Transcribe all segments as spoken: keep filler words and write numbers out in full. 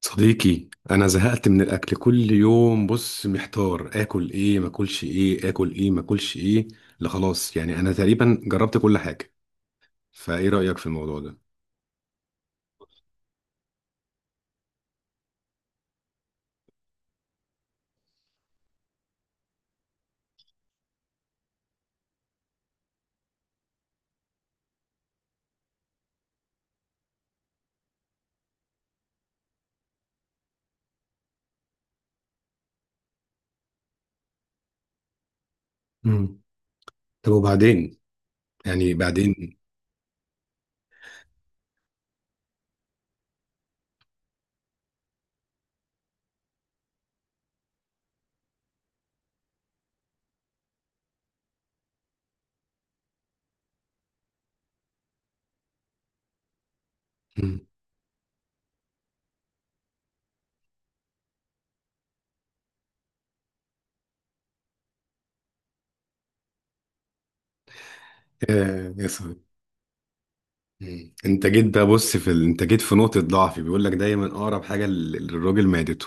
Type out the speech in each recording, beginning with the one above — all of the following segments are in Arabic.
صديقي، انا زهقت من الاكل كل يوم. بص محتار، اكل ايه ما اكلش ايه اكل ايه ما اكلش ايه. لا خلاص، يعني انا تقريبا جربت كل حاجه. فايه رايك في الموضوع ده؟ امم. طب وبعدين؟ يعني بعدين؟ مم. آه يا صديقي. مم. انت جيت بقى، بص في ال... انت جيت في نقطه ضعفي. بيقول لك دايما اقرب حاجه لل- للراجل معدته.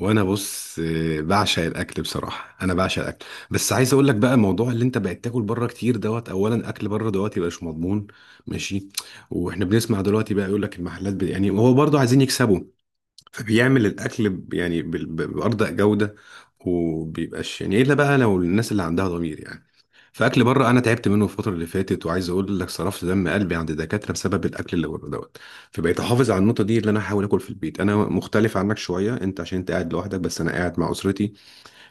وانا بص آه، بعشق الاكل، بصراحه انا بعشق الاكل. بس عايز اقول لك بقى موضوع اللي انت بقيت تاكل بره كتير دوت. اولا اكل بره دوت يبقى مش مضمون. ماشي. واحنا بنسمع دلوقتي بقى يقول لك المحلات بي... يعني هو برضه عايزين يكسبوا. فبيعمل الاكل ب- يعني بال- ب- بارضى جوده. وبيبقاش يعني الا بقى لو الناس اللي عندها ضمير يعني. فاكل بره انا تعبت منه الفتره اللي فاتت، وعايز اقول لك صرفت دم قلبي عند دكاتره بسبب الاكل اللي بره دوت. فبقيت احافظ على النقطه دي، اللي انا احاول اكل في البيت. انا مختلف عنك شويه، انت عشان انت قاعد لوحدك بس انا قاعد مع اسرتي.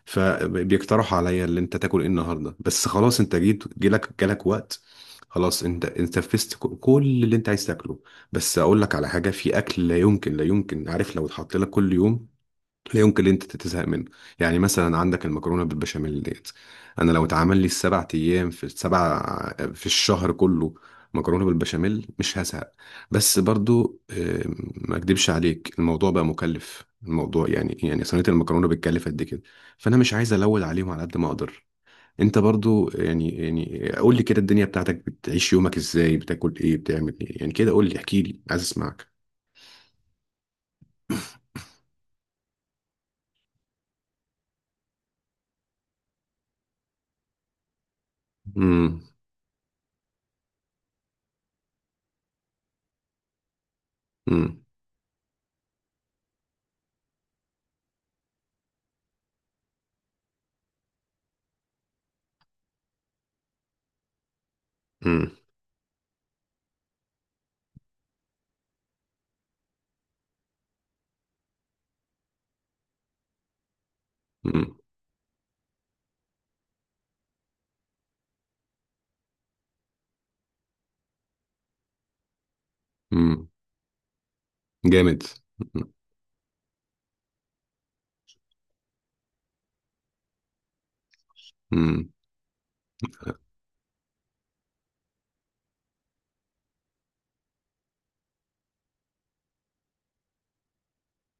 فبيقترحوا عليا اللي انت تاكل ايه النهارده. بس خلاص انت جيت، جالك جالك وقت. خلاص انت انت نفذت ك- كل اللي انت عايز تاكله. بس اقول لك على حاجه، في اكل لا يمكن، لا يمكن، عارف، لو اتحط لك كل يوم، لا يمكن ان انت تزهق منه. يعني مثلا عندك المكرونه بالبشاميل ديت. انا لو اتعمل لي السبع ايام في السبع، في الشهر كله، مكرونه بالبشاميل مش هزهق. بس برضو آه، ما اكدبش عليك، الموضوع بقى مكلف، الموضوع يعني يعني صينيه المكرونه بتكلف قد كده. فانا مش عايز الود عليهم على قد ما اقدر. انت برضو يعني يعني قول لي كده، الدنيا بتاعتك بتعيش يومك ازاي؟ بتاكل ايه؟ بتعمل ايه؟ يعني كده قول لي، احكي لي، عايز اسمعك. امم. امم. امم. جامد. مم.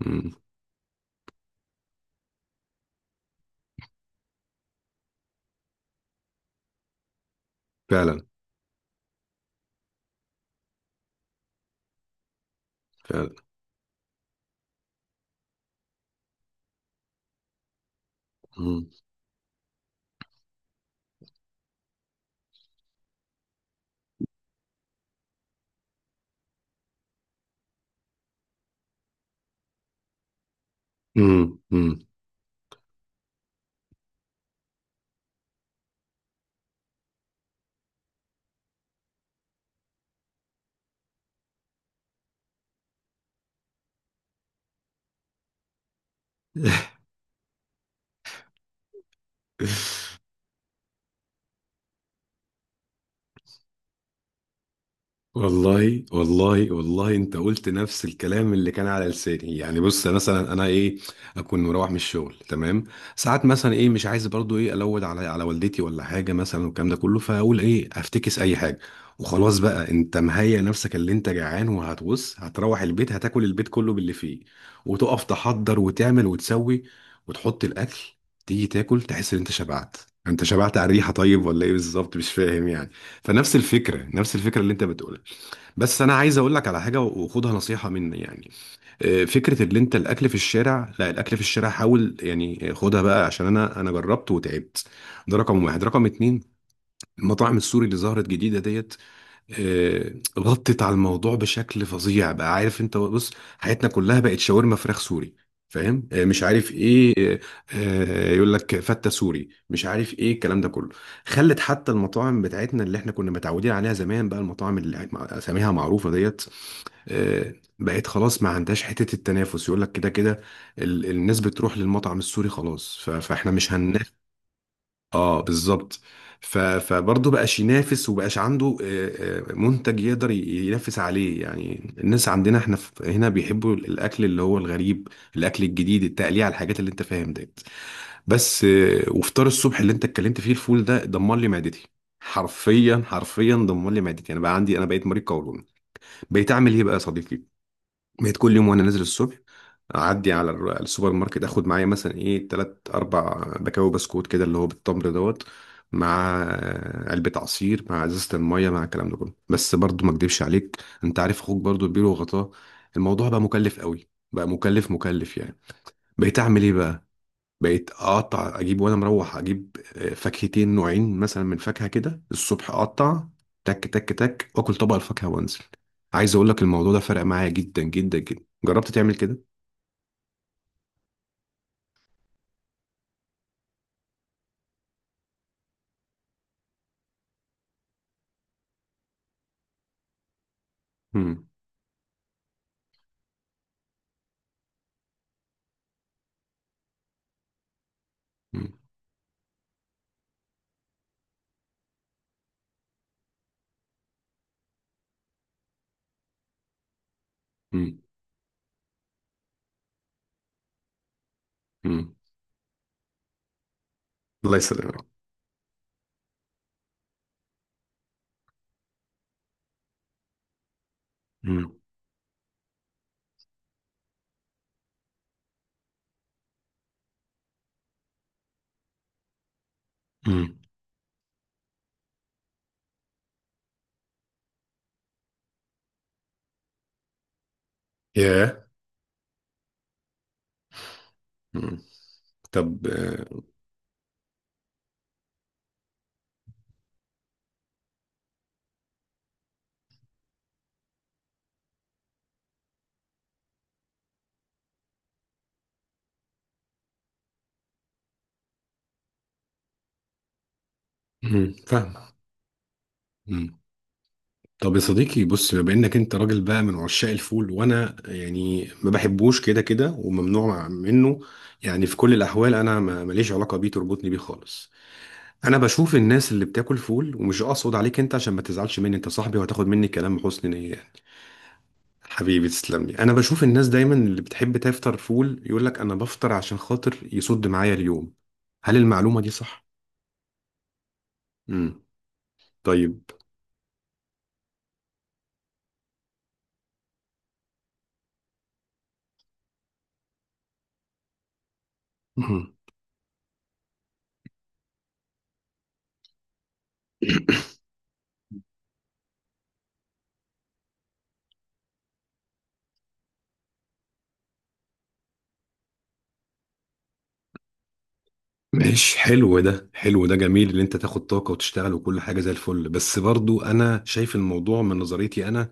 مم. فعلا. فعلا. مم. مم. مم. والله والله والله، انت قلت نفس الكلام اللي كان على لساني. يعني بص مثلا انا ايه، اكون مروح من الشغل، تمام. ساعات مثلا ايه مش عايز برضو ايه الود على على والدتي ولا حاجه مثلا والكلام ده كله، فاقول ايه افتكس اي حاجه. وخلاص بقى انت مهيئ نفسك اللي انت جعان، وهتبص هتروح البيت، هتاكل البيت كله باللي فيه، وتقف تحضر وتعمل وتسوي، وتحط الاكل. تيجي تاكل، تحس ان انت شبعت. انت شبعت على الريحه؟ طيب ولا ايه بالظبط؟ مش فاهم يعني. فنفس الفكره، نفس الفكره اللي انت بتقولها. بس انا عايز اقول لك على حاجه، وخدها نصيحه مني يعني. آه، فكره اللي انت الاكل في الشارع، لا الاكل في الشارع حاول يعني، آه، خدها بقى، عشان انا انا جربت وتعبت. ده رقم واحد، رقم اتنين، المطاعم السوري اللي ظهرت جديدة ديت، آه، غطت على الموضوع بشكل فظيع بقى. عارف انت؟ بص، حياتنا كلها بقت شاورما فراخ سوري. فاهم؟ آه، مش عارف ايه. آه، آه، يقول لك فتة سوري، مش عارف ايه الكلام ده كله. خلت حتى المطاعم بتاعتنا اللي احنا كنا متعودين عليها زمان، بقى المطاعم اللي مع- اساميها معروفة ديت، آه، بقت خلاص ما عندهاش حتة التنافس، يقول لك كده كده. ال- الناس بتروح للمطعم السوري، خلاص ف- فاحنا مش هننافس. اه بالظبط. ف... فبرضه بقاش ينافس، وبقاش عنده آه، آه، منتج يقدر ي- ينافس عليه. يعني الناس عندنا احنا في... هنا بيحبوا الاكل اللي هو الغريب، الاكل الجديد، التقليع على الحاجات اللي انت فاهم ديت. بس آه، وفطار الصبح اللي انت اتكلمت فيه، الفول ده دمر لي معدتي. حرفيا، حرفيا دمر لي معدتي. انا بقى عندي، انا بقيت مريض قولون. بقيت اعمل ايه بقى يا صديقي؟ بقيت كل يوم وانا نازل الصبح اعدي على الر- السوبر ماركت، اخد معايا مثلا ايه تلات اربع بكاوي بسكوت كده اللي هو بالتمر دوت، مع آه، علبة عصير، مع ازازة المية، مع الكلام ده كله. بس برضو ما اكدبش عليك، انت عارف اخوك برضو كبير وغطاه، الموضوع بقى مكلف قوي، بقى مكلف مكلف يعني. بقيت اعمل ايه بقى؟ بقيت اقطع، اجيب وانا مروح اجيب آه، فاكهتين نوعين مثلا من فاكهه كده الصبح، اقطع تك تك تك واكل طبق الفاكهه وانزل. عايز اقول لك الموضوع ده فرق معايا جدا جدا جدا. جربت تعمل كده. مم. مم. مم. مم. الله يسلمك. مم. مم. ياه. مم. طب، آه. مم. فاهم. مم. طب يا صديقي، بص بما انك انت راجل بقى من عشاق الفول، وانا يعني ما بحبوش كده كده وممنوع منه. يعني في كل الاحوال، انا ما- ماليش علاقه بيه تربطني بيه خالص. انا بشوف الناس اللي بتاكل فول، ومش اقصد عليك انت عشان ما تزعلش مني، انت صاحبي وهتاخد مني كلام بحسن نيه يعني. حبيبي تسلم لي. انا بشوف الناس دايما اللي بتحب تفطر فول يقول لك انا بفطر عشان خاطر يصد معايا اليوم. هل المعلومه دي صح؟ امم. طيب. ماشي، حلو ده، حلو ده جميل ان انت تاخد طاقة وتشتغل وكل حاجة زي الفل. بس برضو انا شايف الموضوع من نظريتي انا،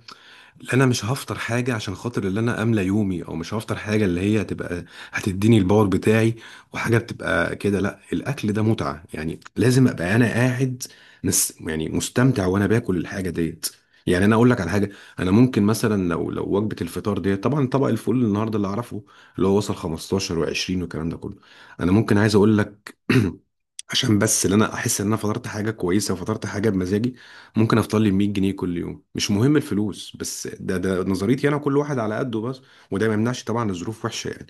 اللي انا مش هفطر حاجه عشان خاطر اللي انا املى يومي، او مش هفطر حاجه اللي هي هتبقى هتديني الباور بتاعي. وحاجه بتبقى كده، لا الاكل ده متعه يعني، لازم ابقى انا قاعد مس يعني مستمتع وانا باكل الحاجه ديت. يعني انا اقول لك على حاجه، انا ممكن مثلا لو لو وجبه الفطار ديت طبعا، طبق الفول النهارده اللي اعرفه اللي هو وصل خمسة عشر و20 والكلام ده كله. انا ممكن عايز اقول لك عشان بس ان انا احس ان انا فطرت حاجه كويسه، وفطرت حاجه بمزاجي، ممكن افطر لي ميه جنيه كل يوم. مش مهم الفلوس، بس ده ده نظريتي انا، كل واحد على قده بس. وده ما يمنعش طبعا، الظروف وحشه يعني.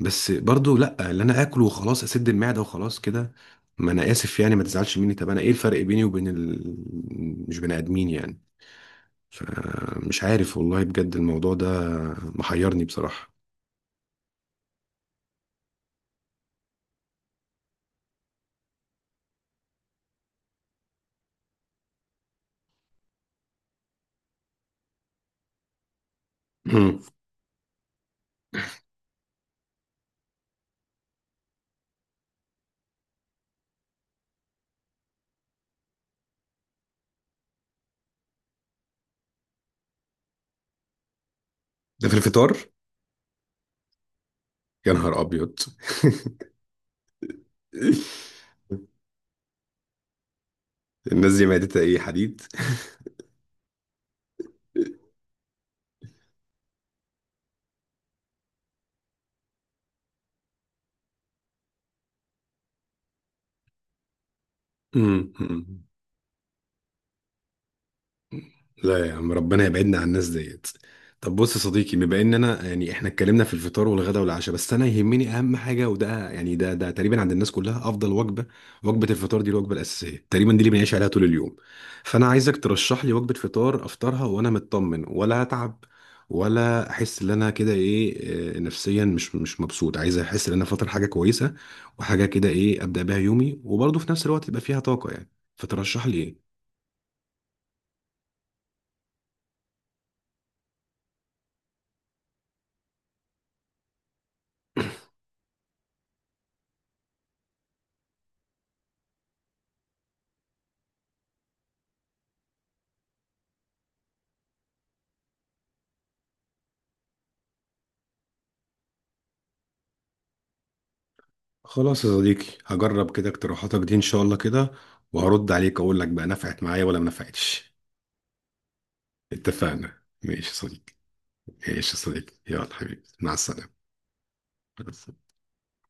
بس برضو لا، اللي انا اكل وخلاص اسد المعده وخلاص كده. ما انا اسف يعني، ما تزعلش مني. طب انا ايه الفرق بيني وبين ال... مش بني ادمين يعني؟ فمش عارف والله، بجد الموضوع ده محيرني بصراحه. مم. ده في الفطار؟ يا نهار ابيض. الناس دي معدتها ايه، حديد؟ امم. أمم. لا يا عم، ربنا يبعدنا عن الناس ديت. طب بص يا صديقي، بما ان انا يعني احنا اتكلمنا في الفطار والغداء والعشاء، بس انا يهمني اهم حاجه، وده يعني ده ده تقريبا عند الناس كلها افضل وجبه. وجبه الفطار دي الوجبه الاساسيه تقريبا، دي اللي بنعيش عليها طول اليوم. فانا عايزك ترشح لي وجبه فطار افطرها وانا مطمن، ولا اتعب، ولا احس ان انا كده ايه، آه، نفسيا مش مش مبسوط. عايز احس ان انا فاطر حاجه كويسه، وحاجه كده ايه ابدا بيها يومي وبرضه في نفس الوقت يبقى فيها طاقه يعني. فترشح لي ايه؟ خلاص يا صديقي، هجرب كده اقتراحاتك دي ان شاء الله كده، وهرد عليك اقول لك بقى نفعت معايا ولا ما نفعتش. اتفقنا. ماشي يا صديقي. ماشي يا صديقي، يلا حبيبي، مع السلامة.